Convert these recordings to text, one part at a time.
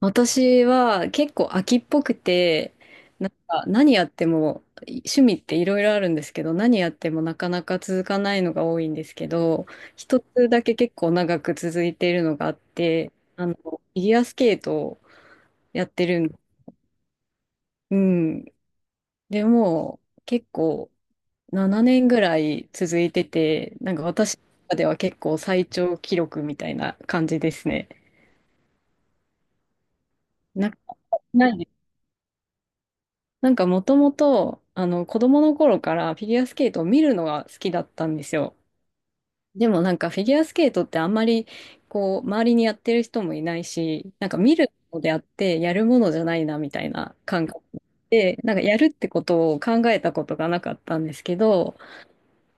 私は結構飽きっぽくて、何やっても趣味っていろいろあるんですけど、何やってもなかなか続かないのが多いんですけど、一つだけ結構長く続いているのがあって、フィギュアスケートをやってるん、うん。でもう結構7年ぐらい続いてて、なんか私の中では結構最長記録みたいな感じですね。な、ないもともと、子供の頃からフィギュアスケートを見るのが好きだったんですよ。でもなんかフィギュアスケートってあんまり、こう、周りにやってる人もいないし、なんか見るのであってやるものじゃないなみたいな感覚で、なんかやるってことを考えたことがなかったんですけど、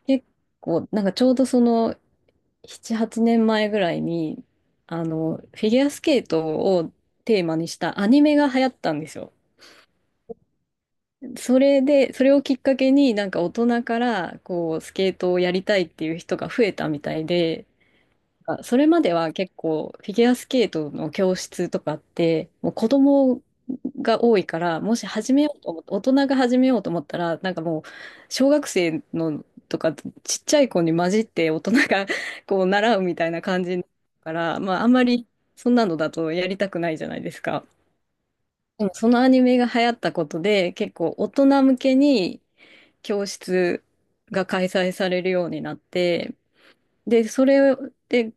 結構、なんかちょうどその7、8年前ぐらいに、フィギュアスケートをテーマにしたアニメが流行ったんですよ。それで、それをきっかけになんか大人からこうスケートをやりたいっていう人が増えたみたいで、あ、それまでは結構フィギュアスケートの教室とかってもう子供が多いから、もし始めようと思って、大人が始めようと思ったら、なんかもう小学生のとかちっちゃい子に混じって大人が こう習うみたいな感じだから、まああんまりそんなのだとやりたくないじゃないですか。でもそのアニメが流行ったことで、結構大人向けに教室が開催されるようになって、で、それで、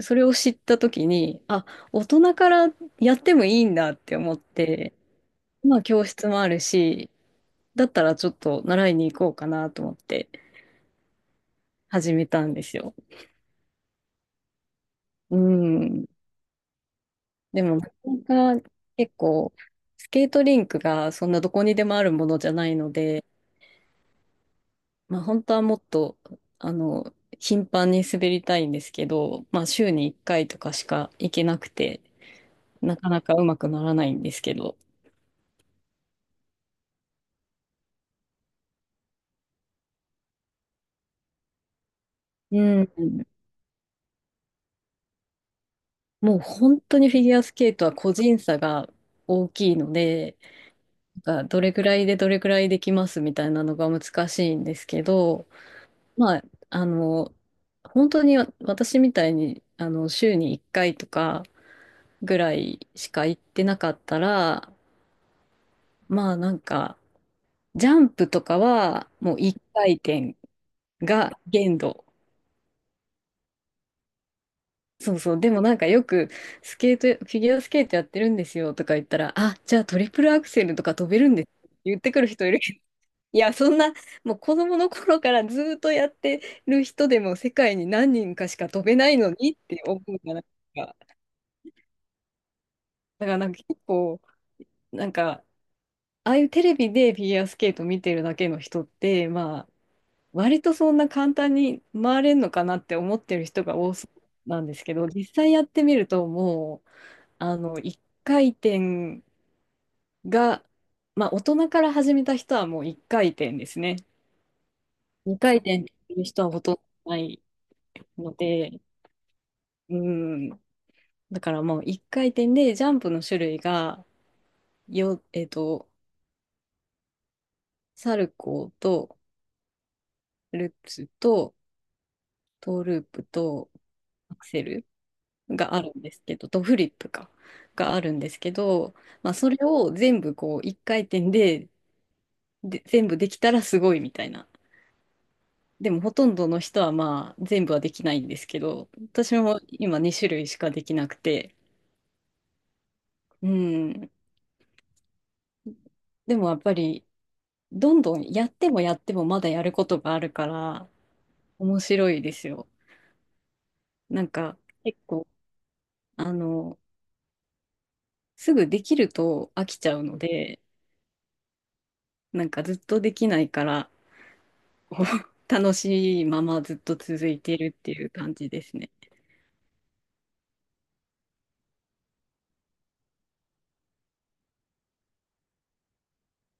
それを知った時に、あ、大人からやってもいいんだって思って、まあ教室もあるし、だったらちょっと習いに行こうかなと思って始めたんですよ。うん。でもなかなか結構、スケートリンクがそんなどこにでもあるものじゃないので、まあ本当はもっと、あの、頻繁に滑りたいんですけど、まあ週に1回とかしか行けなくて、なかなかうまくならないんですけど、うん、もう本当にフィギュアスケートは個人差が大きいので、なんかどれぐらいでどれぐらいできますみたいなのが難しいんですけど、まあ、あの、本当に私みたいに、週に1回とかぐらいしか行ってなかったら、まあなんか、ジャンプとかはもう1回転が限度。そうそう。でもなんかよくスケート、フィギュアスケートやってるんですよとか言ったら、あ、じゃあトリプルアクセルとか飛べるんですって言ってくる人いるけど、いや、そんな、もう子供の頃からずーっとやってる人でも世界に何人かしか飛べないのにって思うじゃないですか。だからなんかなんか、ああいうテレビでフィギュアスケート見てるだけの人って、まあ、割とそんな簡単に回れるのかなって思ってる人が多そうなんですけど、実際やってみるともう、1回転が、まあ大人から始めた人はもう1回転ですね。2回転っていう人はほとんどないので、うん、だからもう1回転でジャンプの種類が、よ、えっと、サルコーと、ルップスと、トーループと、アクセル。があるんですけど、とフリップか、があるんですけど、まあ、それを全部こう一回転で、で、全部できたらすごいみたいな。でもほとんどの人はまあ全部はできないんですけど、私も今2種類しかできなくて、うん。でもやっぱりどんどんやってもやってもまだやることがあるから面白いですよ。なんか結構、あの、すぐできると飽きちゃうので、なんかずっとできないから、こう楽しいままずっと続いているっていう感じですね。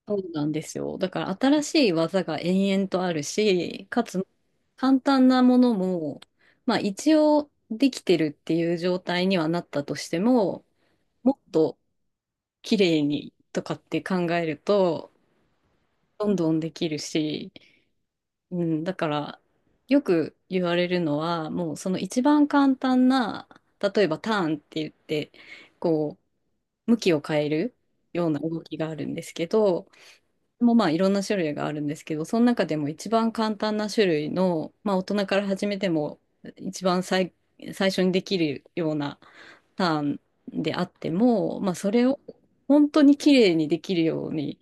そうなんですよ。だから新しい技が延々とあるし、かつ簡単なものも、まあ一応できてるっていう状態にはなったとしても、もっと綺麗にとかって考えると、どんどんできるし、うん、だからよく言われるのは、もうその一番簡単な、例えばターンって言って、こう、向きを変えるような動きがあるんですけど、もうまあいろんな種類があるんですけど、その中でも一番簡単な種類の、まあ大人から始めても一番最、最初にできるようなターンであっても、まあそれを本当に綺麗にできるように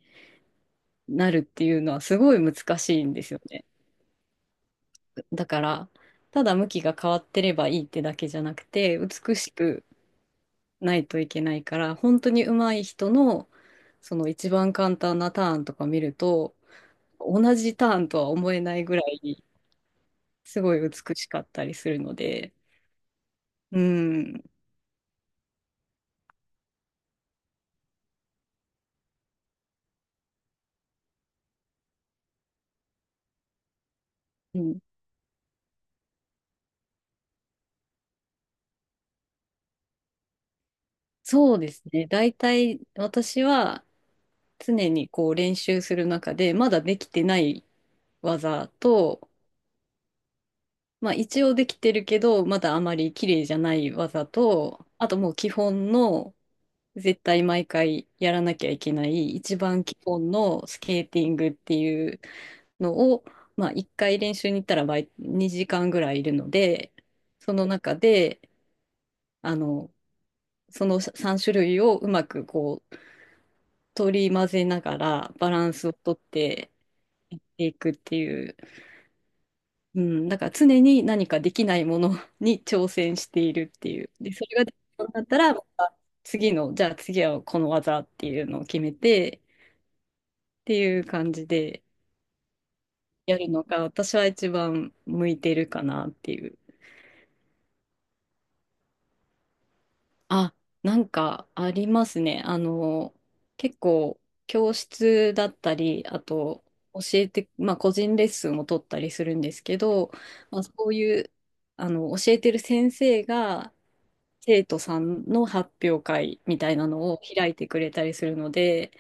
なるっていうのはすごい難しいんですよね。だから、ただ向きが変わってればいいってだけじゃなくて、美しくないといけないから、本当に上手い人の、その一番簡単なターンとか見ると、同じターンとは思えないぐらいすごい美しかったりするので、うん、うん、そうですね。大体私は常にこう練習する中で、まだできてない技と、まあ一応できてるけど、まだあまり綺麗じゃない技と、あともう基本の絶対毎回やらなきゃいけない一番基本のスケーティングっていうのを、まあ、1回練習に行ったら毎2時間ぐらいいるので、その中であのその3種類をうまくこう取り混ぜながらバランスをとってやっていくっていう、うん、だから常に何かできないものに挑戦しているっていう。で、それができなくなったらまた次の、じゃあ次はこの技っていうのを決めて、っていう感じでやるのが私は一番向いてるかなっていう。あ、なんかありますね。結構教室だったり、あと教えて、まあ個人レッスンを取ったりするんですけど、まあ、そういう、あの、教えてる先生が生徒さんの発表会みたいなのを開いてくれたりするので、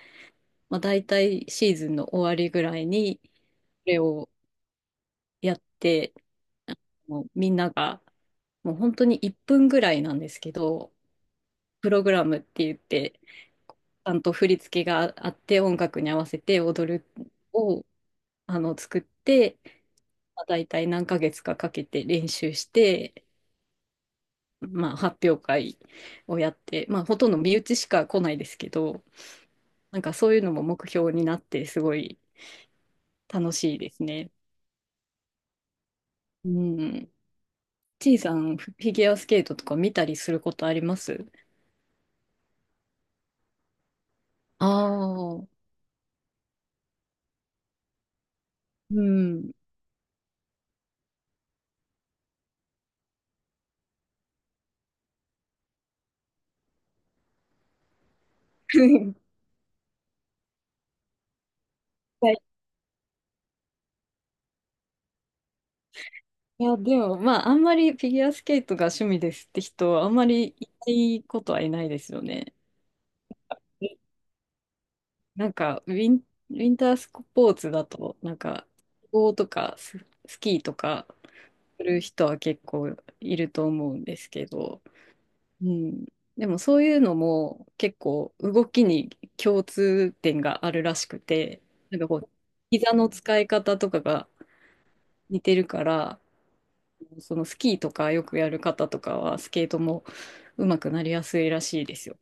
まあ、大体シーズンの終わりぐらいにこれをやって、もうみんなが、もう本当に1分ぐらいなんですけど、プログラムって言って、ちゃんと振り付けがあって、音楽に合わせて踊るを作って、まあ、大体何ヶ月かかけて練習して、まあ、発表会をやって、まあ、ほとんど身内しか来ないですけど、なんかそういうのも目標になって、すごい楽しいですね。うん。ちいさん、フィギュアスケートとか見たりすることあります？ああうん。はいいや、でも、まあ、あんまりフィギュアスケートが趣味ですって人はあんまりいないことはいないですよね。なんか、ウィンタースポーツだと、なんか、スノーとかスキーとかする人は結構いると思うんですけど、うん。でも、そういうのも結構動きに共通点があるらしくて、なんかこう、膝の使い方とかが似てるから、そのスキーとかよくやる方とかはスケートも上手くなりやすいらしいですよ。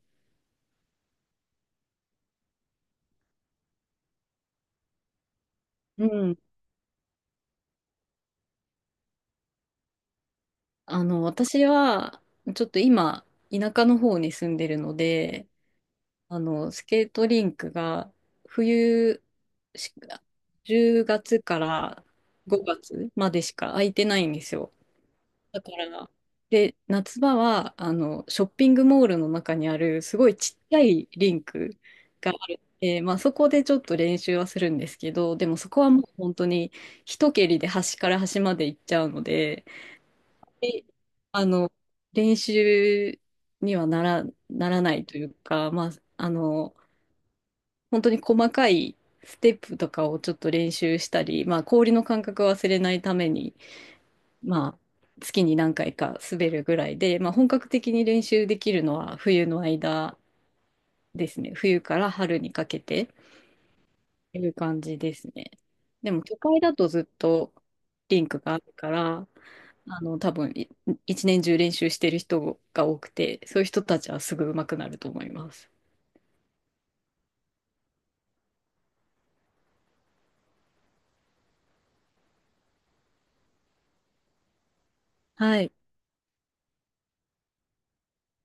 うん。私はちょっと今田舎の方に住んでるので、スケートリンクが冬し10月から5月までしか空いてないんですよ。だから、で、夏場は、ショッピングモールの中にある、すごいちっちゃいリンクがある。えまあ、そこでちょっと練習はするんですけど、でもそこはもう本当に一蹴りで端から端まで行っちゃうので、であの、練習にはなら、ならないというか、あの、本当に細かいステップとかをちょっと練習したり、まあ、氷の感覚を忘れないために、まあ、月に何回か滑るぐらいで、まあ、本格的に練習できるのは冬の間ですね。冬から春にかけてという感じですね。でも、都会だとずっとリンクがあるから、多分一年中練習してる人が多くて、そういう人たちはすぐ上手くなると思います。はい。